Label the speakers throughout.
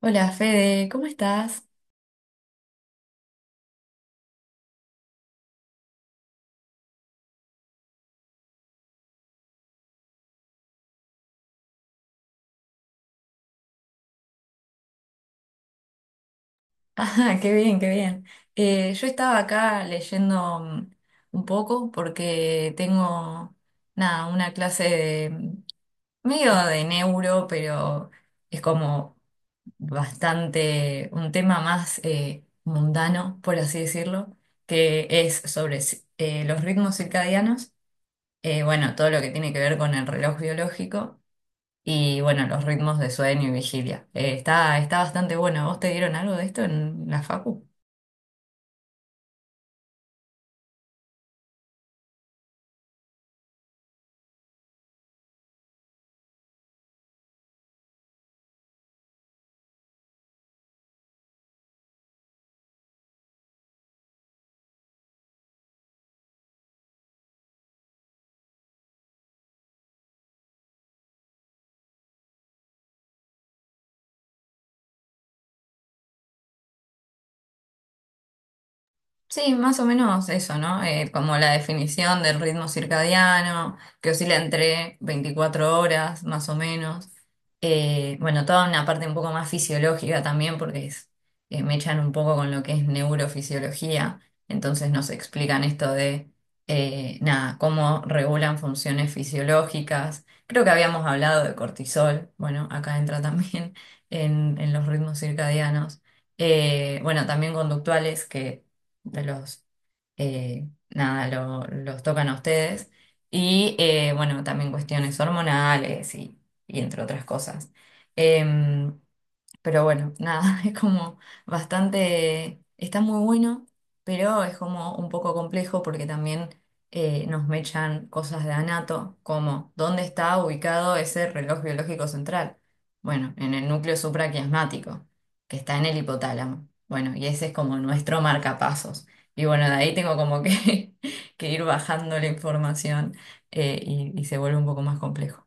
Speaker 1: Hola Fede, ¿cómo estás? Ah, qué bien, qué bien. Yo estaba acá leyendo un poco porque tengo, nada, una clase de medio de neuro, pero es como bastante un tema más mundano, por así decirlo, que es sobre los ritmos circadianos, bueno, todo lo que tiene que ver con el reloj biológico. Y bueno, los ritmos de sueño y vigilia. Está bastante bueno. ¿Vos te dieron algo de esto en la facu? Sí, más o menos eso, ¿no? Como la definición del ritmo circadiano, que oscila entre 24 horas, más o menos. Bueno, toda una parte un poco más fisiológica también, porque me echan un poco con lo que es neurofisiología, entonces nos explican esto de, nada, cómo regulan funciones fisiológicas. Creo que habíamos hablado de cortisol, bueno, acá entra también en los ritmos circadianos. Bueno, también conductuales que de los, nada, los tocan a ustedes. Y bueno, también cuestiones hormonales y entre otras cosas. Em, pero bueno, nada, es como bastante, está muy bueno, pero es como un poco complejo porque también nos mechan cosas de anato, como dónde está ubicado ese reloj biológico central. Bueno, en el núcleo supraquiasmático, que está en el hipotálamo. Bueno, y ese es como nuestro marcapasos. Y bueno, de ahí tengo como que, que ir bajando la información eh, y se vuelve un poco más complejo.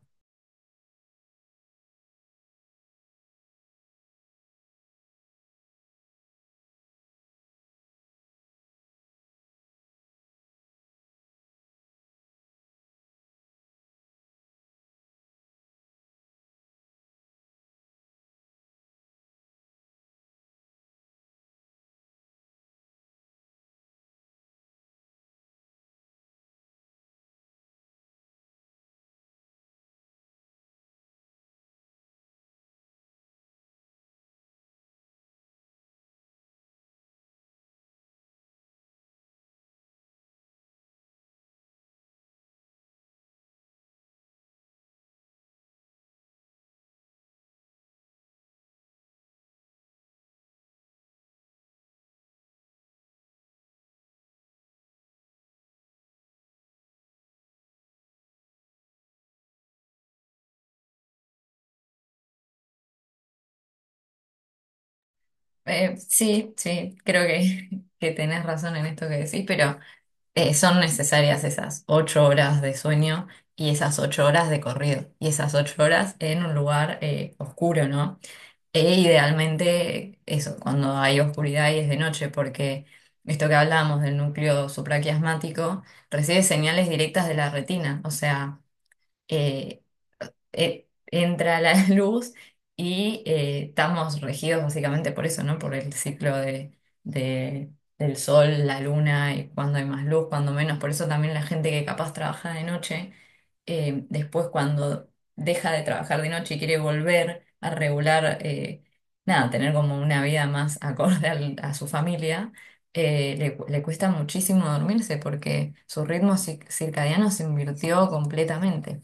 Speaker 1: Sí, sí, creo que, que tenés razón en esto que decís, pero son necesarias esas 8 horas de sueño y esas 8 horas de corrido y esas 8 horas en un lugar oscuro, ¿no? E idealmente eso, cuando hay oscuridad y es de noche, porque esto que hablábamos del núcleo supraquiasmático recibe señales directas de la retina, o sea, eh, entra la luz y estamos regidos básicamente por eso, ¿no? Por el ciclo de- del sol, la luna y cuando hay más luz, cuando menos. Por eso también la gente que capaz trabaja de noche, después cuando deja de trabajar de noche y quiere volver a regular, nada, tener como una vida más acorde a su familia. Le cuesta muchísimo dormirse porque su ritmo circadiano se invirtió completamente.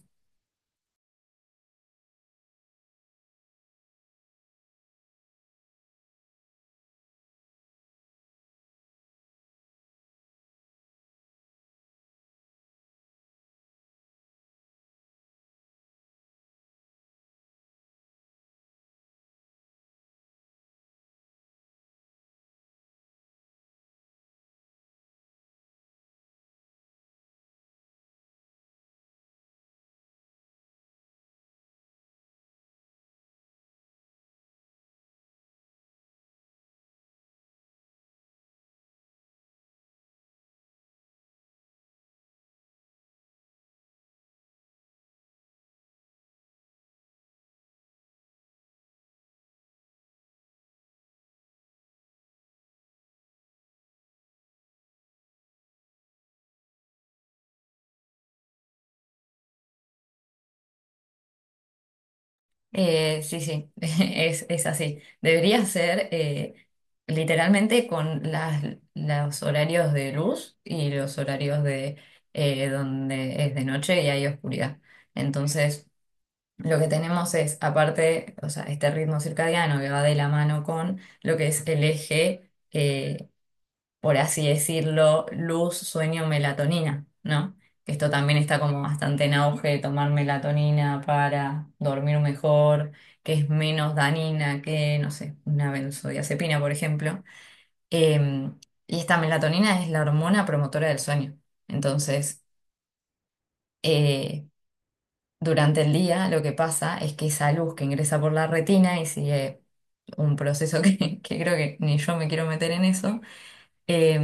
Speaker 1: Sí, sí, es así. Debería ser literalmente con los horarios de luz y los horarios de donde es de noche y hay oscuridad. Entonces, lo que tenemos es, aparte, o sea, este ritmo circadiano que va de la mano con lo que es el eje por así decirlo, luz, sueño, melatonina, ¿no? Que esto también está como bastante en auge, tomar melatonina para dormir mejor, que es menos dañina que, no sé, una benzodiazepina, por ejemplo. Eh, y esta melatonina es la hormona promotora del sueño. Entonces, eh, durante el día lo que pasa es que esa luz que ingresa por la retina y sigue un proceso que creo que ni yo me quiero meter en eso, eh,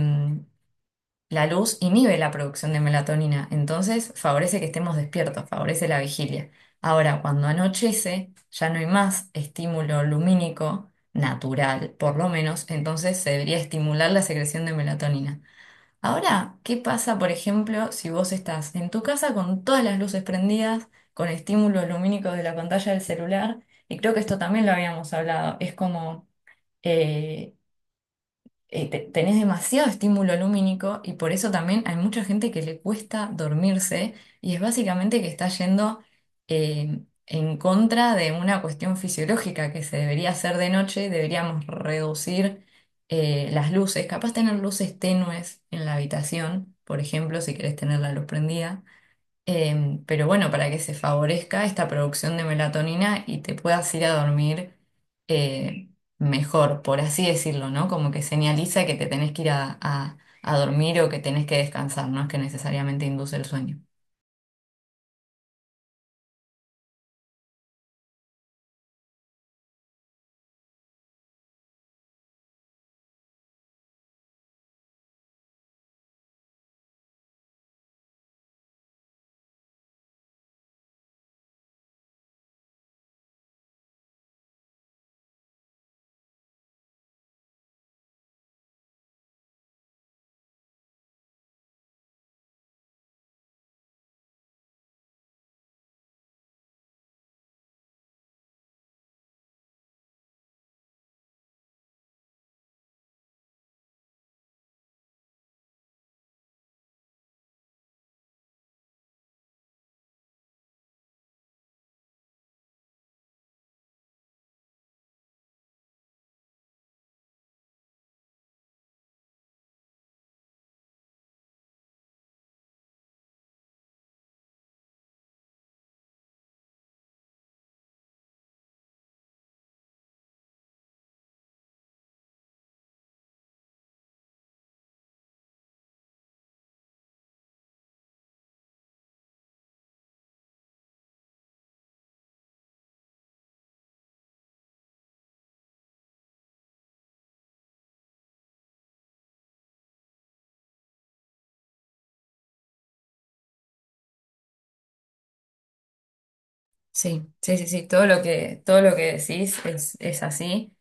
Speaker 1: la luz inhibe la producción de melatonina, entonces favorece que estemos despiertos, favorece la vigilia. Ahora, cuando anochece, ya no hay más estímulo lumínico natural, por lo menos, entonces se debería estimular la secreción de melatonina. Ahora, ¿qué pasa, por ejemplo, si vos estás en tu casa con todas las luces prendidas, con estímulos lumínicos de la pantalla del celular? Y creo que esto también lo habíamos hablado, es como eh, tenés demasiado estímulo lumínico y por eso también hay mucha gente que le cuesta dormirse y es básicamente que está yendo eh, en contra de una cuestión fisiológica que se debería hacer de noche, deberíamos reducir las luces, capaz tener luces tenues en la habitación, por ejemplo, si querés tener la luz prendida. Pero bueno, para que se favorezca esta producción de melatonina y te puedas ir a dormir eh, mejor, por así decirlo, ¿no? Como que señaliza que te tenés que ir a dormir o que tenés que descansar, no es que necesariamente induce el sueño. Sí, sí, sí, sí, todo lo que decís es así.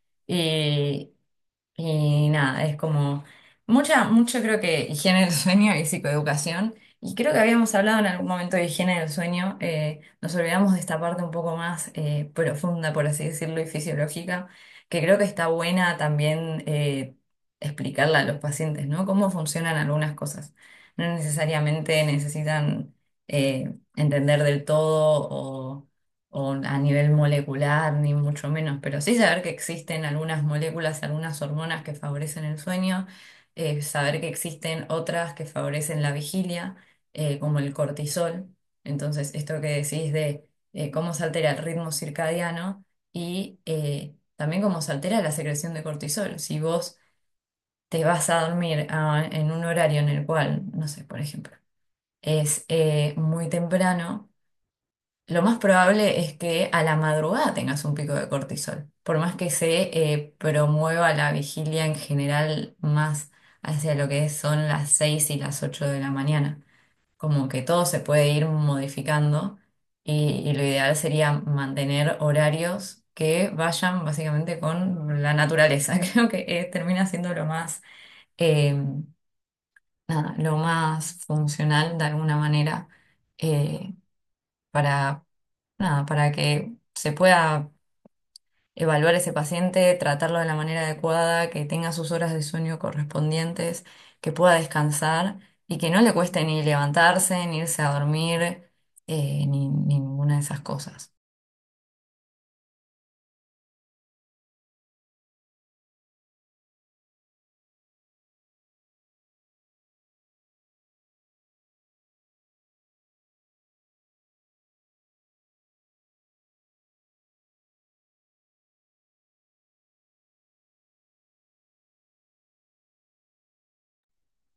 Speaker 1: Y nada, es como mucho creo que higiene del sueño y psicoeducación. Y creo que habíamos hablado en algún momento de higiene del sueño. Nos olvidamos de esta parte un poco más profunda, por así decirlo, y fisiológica, que creo que está buena también explicarla a los pacientes, ¿no? Cómo funcionan algunas cosas. No necesariamente necesitan entender del todo o a nivel molecular, ni mucho menos, pero sí saber que existen algunas moléculas, algunas hormonas que favorecen el sueño, saber que existen otras que favorecen la vigilia, como el cortisol. Entonces, esto que decís de cómo se altera el ritmo circadiano y también cómo se altera la secreción de cortisol. Si vos te vas a dormir en un horario en el cual, no sé, por ejemplo, es muy temprano, lo más probable es que a la madrugada tengas un pico de cortisol, por más que se promueva la vigilia en general más hacia lo que son las 6 y las 8 de la mañana. Como que todo se puede ir modificando y lo ideal sería mantener horarios que vayan básicamente con la naturaleza. Creo que termina siendo lo más, eh, nada, lo más funcional de alguna manera eh, para nada, para que se pueda evaluar ese paciente, tratarlo de la manera adecuada, que tenga sus horas de sueño correspondientes, que pueda descansar y que no le cueste ni levantarse, ni irse a dormir, ni, ni ninguna de esas cosas.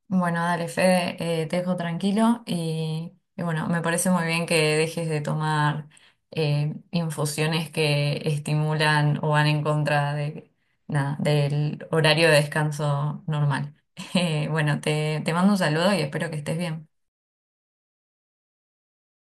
Speaker 1: Bueno, dale, Fede, te dejo tranquilo y bueno, me parece muy bien que dejes de tomar infusiones que estimulan o van en contra de, nada, del horario de descanso normal. Bueno, te mando un saludo y espero que estés bien.